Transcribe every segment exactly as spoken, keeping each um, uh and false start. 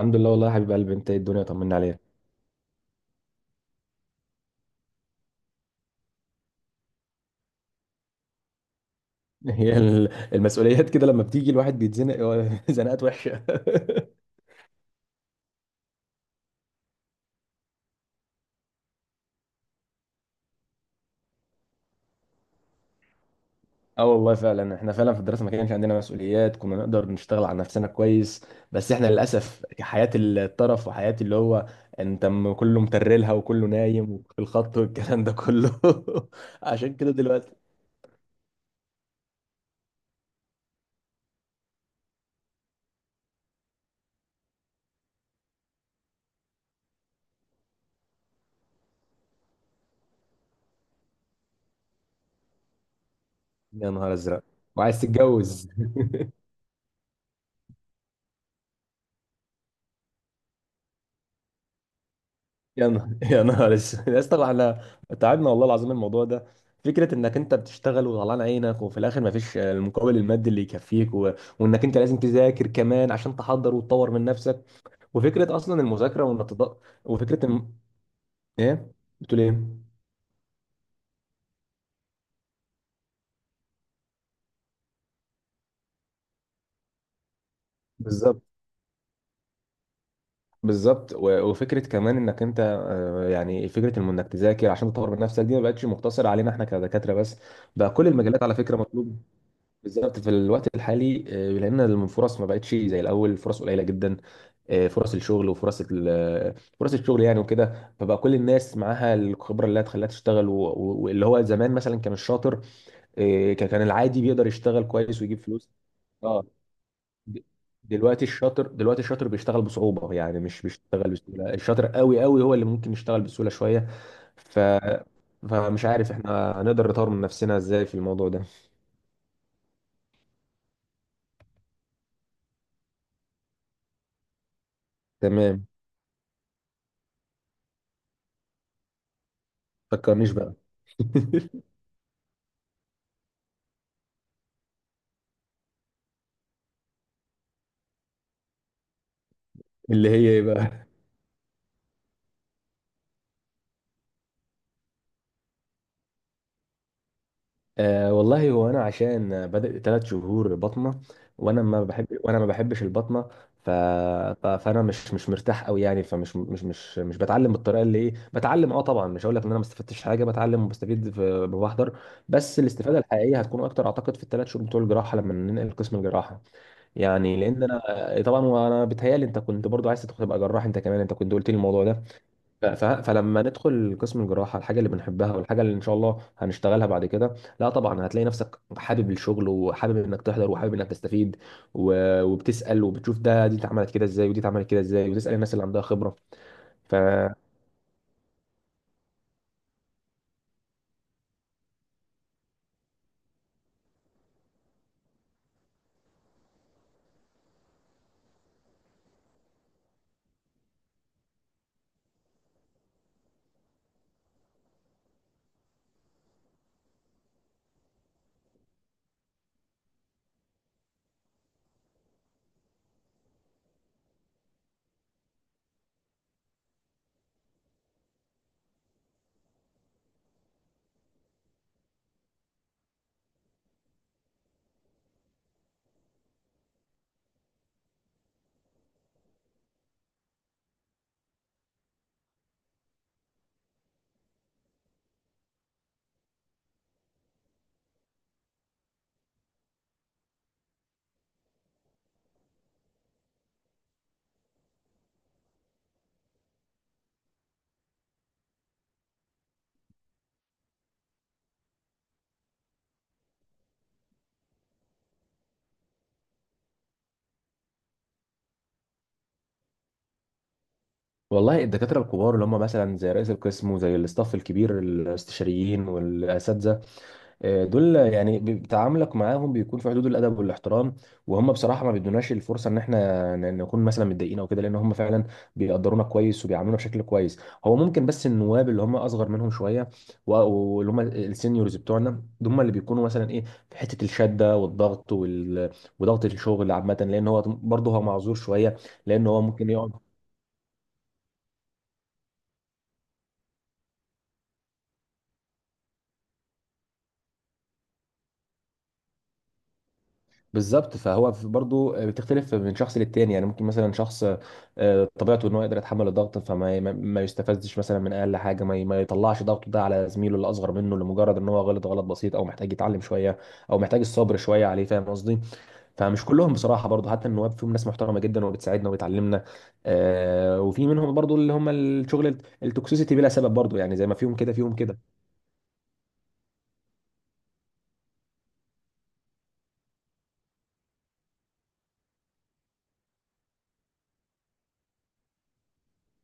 الحمد لله، والله يا حبيب قلبي. انت ايه؟ الدنيا طمنا عليك. هي ال- المسؤوليات كده لما بتيجي الواحد بيتزنق هو زنقات وحشه. اه، والله فعلا احنا فعلا في الدراسه ما كانش عندنا مسؤوليات، كنا نقدر نشتغل على نفسنا كويس. بس احنا للاسف حياه الطرف وحياه اللي هو انت م- كله مترلها وكله نايم وفي الخط والكلام ده كله. عشان كده دلوقتي يا نهار ازرق، وعايز تتجوز. يا نهار، يا نهار اسود يا اسطى. احنا تعبنا والله العظيم. الموضوع ده فكره انك انت بتشتغل وطلعان عينك وفي الاخر ما فيش المقابل المادي اللي يكفيك و... وانك انت لازم تذاكر كمان عشان تحضر وتطور من نفسك. وفكره اصلا المذاكره وانك تض... وفكره الم... ايه؟ بتقول ايه؟ بالظبط، بالظبط. و- وفكره كمان انك انت آه، يعني فكره إن- انك تذاكر عشان تطور من نفسك دي ما بقتش مقتصره علينا احنا كدكاتره بس. بقى كل المجالات على فكره مطلوب. بالظبط في الوقت الحالي، آه، لان الفرص ما بقتش زي الاول، فرص قليله جدا. آه، فرص الشغل وفرص ال- آه، فرص الشغل يعني وكده، فبقى كل الناس معاها الخبره اللي هتخليها تشتغل، و- و- واللي هو زمان مثلا كان الشاطر آه، ك- كان العادي بيقدر يشتغل كويس ويجيب فلوس. اه، د- دلوقتي الشاطر دلوقتي الشاطر بيشتغل بصعوبه يعني، مش بيشتغل بسهوله. الشاطر قوي قوي هو اللي ممكن يشتغل بسهوله شويه. ف فمش عارف احنا هنقدر نطور من نفسنا ازاي في الموضوع ده. تمام. فكرنيش بقى. اللي هي ايه بقى؟ آه والله. هو انا عشان بدأ ثلاث شهور بطنه، وانا ما بحب وانا ما بحبش البطنه. ف... ف... فانا مش مش مرتاح قوي يعني. فمش مش مش مش بتعلم بالطريقه اللي ايه، بتعلم. اه طبعا مش هقول لك ان انا ما استفدتش حاجه، بتعلم وبستفيد في- بحضر. بس الاستفاده الحقيقيه هتكون اكتر اعتقد في الثلاث شهور بتوع الجراحه لما ننقل قسم الجراحه. يعني لان انا آه، طبعا وانا بيتهيألي انت كنت برضو عايز تبقى جراح انت كمان، انت كنت قلت لي الموضوع ده. ف- ف- فلما ندخل قسم الجراحه، الحاجه اللي بنحبها والحاجه اللي ان شاء الله هنشتغلها بعد كده، لا طبعا هتلاقي نفسك حابب الشغل وحابب انك تحضر وحابب انك تستفيد. و- وبتسال وبتشوف ده دي اتعملت كده ازاي، ودي اتعملت كده ازاي، وتسال الناس اللي عندها خبره. ف والله الدكاتره الكبار اللي هم مثلا زي رئيس القسم وزي الاستاف الكبير، الاستشاريين والاساتذه، آه، دول يعني ب- تعاملك معاهم بيكون في حدود الادب والاحترام. وهم بصراحه ما بيدوناش الفرصه ان احنا ن- نكون مثلا متضايقين او كده، لان هم فعلا بيقدرونا كويس وبيعاملونا بشكل كويس. هو ممكن بس النواب اللي هم اصغر منهم شويه، و- واللي هم السينيورز بتوعنا، دول هم اللي بيكونوا مثلا ايه، في حته الشده والضغط وال... وضغط الشغل عامه، لان هو برضه هو معذور شويه، لان هو ممكن يقعد. بالظبط. فهو في- برضو آه، بتختلف من شخص للتاني يعني. ممكن مثلا شخص آه، طبيعته ان هو يقدر يتحمل الضغط، فما ي- ما ما يستفزش مثلا من اقل حاجه، ما ي- ما يطلعش ضغطه ده على زميله اللي اصغر منه لمجرد ان هو غلط غلط بسيط، او محتاج يتعلم شويه، او محتاج الصبر شويه عليه. فاهم قصدي؟ فمش كلهم بصراحه برضو، حتى النواب فيهم ناس محترمه جدا وبتساعدنا وبتعلمنا. آه، وفي منهم برضو اللي هم الشغل الت- التوكسيسيتي بلا سبب برضو يعني. زي ما فيهم كده فيهم كده.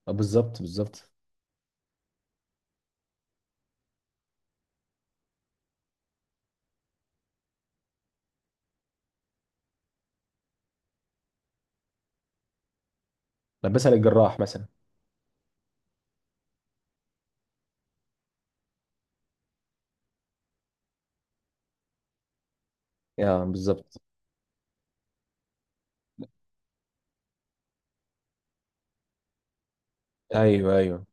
آه، بالظبط، بالظبط. لبسها للجراح مثلا. يا بالظبط. ايوه، ايوه.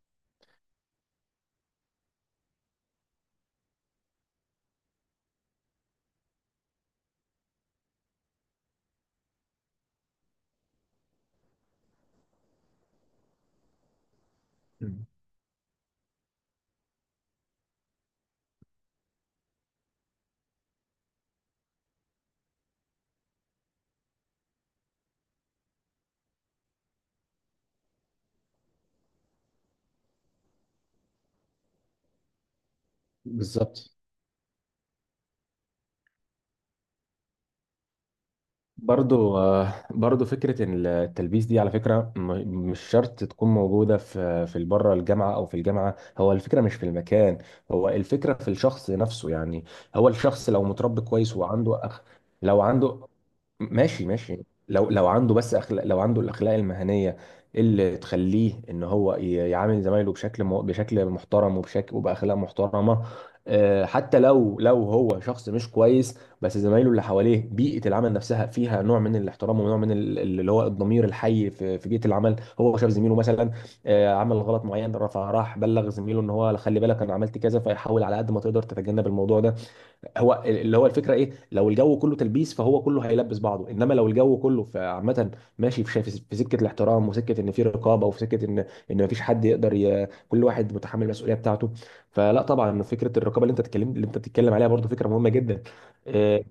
بالظبط. برضو آه، برضو فكرة إن التلبيس دي على فكرة م- مش شرط تكون موجودة في في بره الجامعة أو في الجامعة. هو الفكرة مش في المكان، هو الفكرة في الشخص نفسه يعني. هو الشخص لو متربي كويس وعنده أخ، لو عنده. ماشي، ماشي. لو لو عنده بس أخلاق، لو عنده الأخلاق المهنية اللي تخليه إن هو ي- يعامل زمايله بشكل م- بشكل محترم وبشكل وبأخلاق محترمة، آه، حتى لو لو هو شخص مش كويس. بس زمايله اللي حواليه، بيئة العمل نفسها فيها نوع من الاحترام ونوع من ال- اللي هو الضمير الحي في في بيئة العمل. هو شاف زميله مثلا آه، عمل غلط معين، رفع راح بلغ زميله ان هو خلي بالك انا عملت كذا، فيحاول على قد ما تقدر تتجنب الموضوع ده. هو ال- اللي هو الفكرة ايه. لو الجو كله تلبيس فهو كله هيلبس بعضه، انما لو الجو كله ف- عامة ماشي في شايف- في سكة الاحترام وسكة ان في رقابة، وفي سكة ان ان مفيش حد يقدر ي... كل واحد متحمل المسؤولية بتاعته. فلا طبعا فكرة الرقابة اللي انت تتكلم اللي انت بتتكلم عليها برضو فكرة مهمة جدا. آه،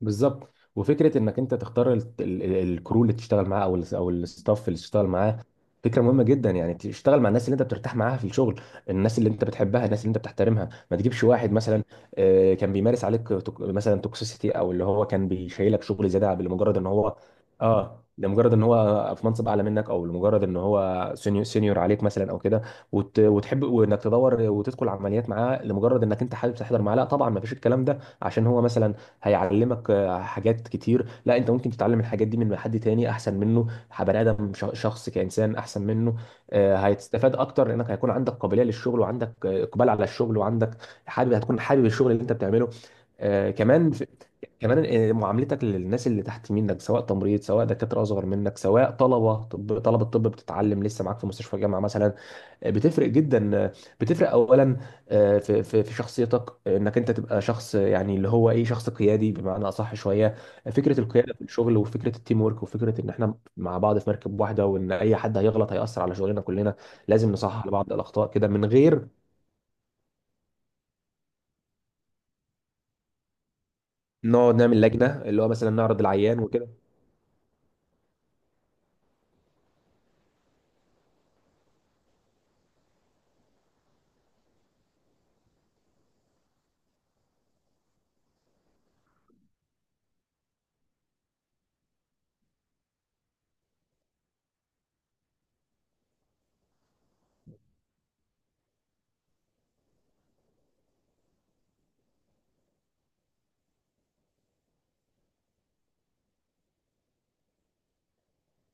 بالظبط. وفكره انك انت تختار ال- ال- ال- الكرو اللي تشتغل معاه، او ال- او الستاف اللي تشتغل معاه، فكره مهمه جدا يعني. تشتغل مع الناس اللي انت بترتاح معاها في الشغل، الناس اللي انت بتحبها، الناس اللي انت بتحترمها. ما تجيبش واحد مثلا آه، كان بيمارس عليك توك- مثلا توكسيسيتي، او اللي هو كان بيشيلك شغل زياده لمجرد ان هو اه لمجرد ان هو في منصب اعلى منك، او لمجرد ان هو سينيور سينيور عليك مثلا او كده. وت- وتحب وانك تدور وتدخل عمليات معاه لمجرد انك انت حابب تحضر معاه. لا طبعا ما فيش الكلام ده. عشان هو مثلا هيعلمك آه، حاجات كتير؟ لا، انت ممكن تتعلم الحاجات دي من حد تاني احسن منه. بني ادم ش- شخص كانسان احسن منه، آه، هتستفاد اكتر، لانك هيكون عندك قابليه للشغل، وعندك آه، اقبال على الشغل، وعندك حابب هتكون حابب الشغل اللي انت بتعمله. آه، كمان، كمان آه، معاملتك للناس اللي تحت منك سواء تمريض، سواء دكاتره اصغر منك، سواء طلبه طب، طلبه طب بتتعلم لسه معاك في مستشفى الجامعه مثلا، آه، بتفرق جدا. آه، بتفرق اولا آه، في في في شخصيتك، آه، انك انت تبقى شخص، آه، يعني اللي هو ايه، شخص قيادي بمعنى اصح شويه. آه، فكره القياده في الشغل، وفكره التيم ورك، وفكره ان احنا مع بعض في مركب واحده، وان اي حد هيغلط هياثر على شغلنا كلنا. لازم نصحح لبعض الاخطاء كده من غير نقعد نعمل لجنه اللي هو مثلا نعرض العيان وكده.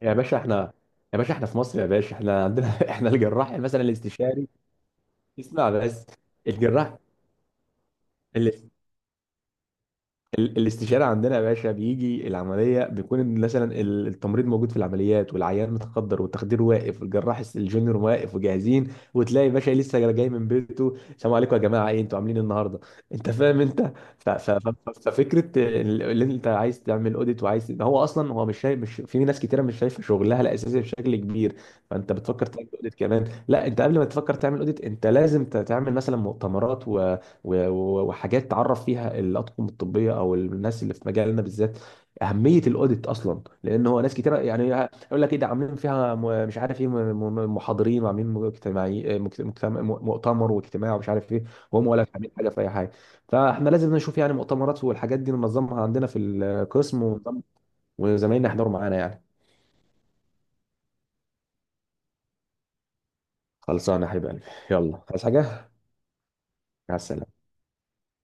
يا باشا احنا يا باشا احنا في مصر، يا باشا احنا عندنا احنا الجراح مثلا الاستشاري. اسمع بس. الجراح ال- الاستشارة عندنا يا باشا بيجي العملية بيكون إن مثلا ال- التمريض موجود في العمليات، والعيان متخدر، والتخدير واقف، والجراح الس- الجونيور واقف وجاهزين. وتلاقي باشا لسه جاي من بيته: السلام عليكم يا جماعة، ايه انتوا عاملين إيه النهاردة؟ انت فاهم انت. ف- ف- ف- ففكرة ال- اللي انت عايز تعمل اوديت، وعايز إن هو اصلا هو مش شايف، مش في ناس كتيرة مش شايفة شغلها الأساسي بشكل كبير، فانت بتفكر تعمل اوديت كمان؟ لا، انت قبل ما تفكر تعمل اوديت انت لازم ت- تعمل مثلا مؤتمرات و- و- وحاجات تعرف فيها الاطقم الطبيه او الناس اللي في مجالنا بالذات اهميه الاوديت اصلا، لان هو ناس كتير يعني يقول لك ايه ده عاملين فيها م- مش عارف ايه، م- م- محاضرين وعاملين مجتمعي مجت- مجتمع مؤتمر واجتماع ومش عارف ايه، وهم ولا عاملين حاجه في اي حاجه. فاحنا لازم نشوف يعني مؤتمرات والحاجات دي ننظمها عندنا في القسم ونظم- وزمايلنا يحضروا معانا يعني. خلصانه يا حبيب قلبي. يلا، عايز حاجه؟ مع السلامه.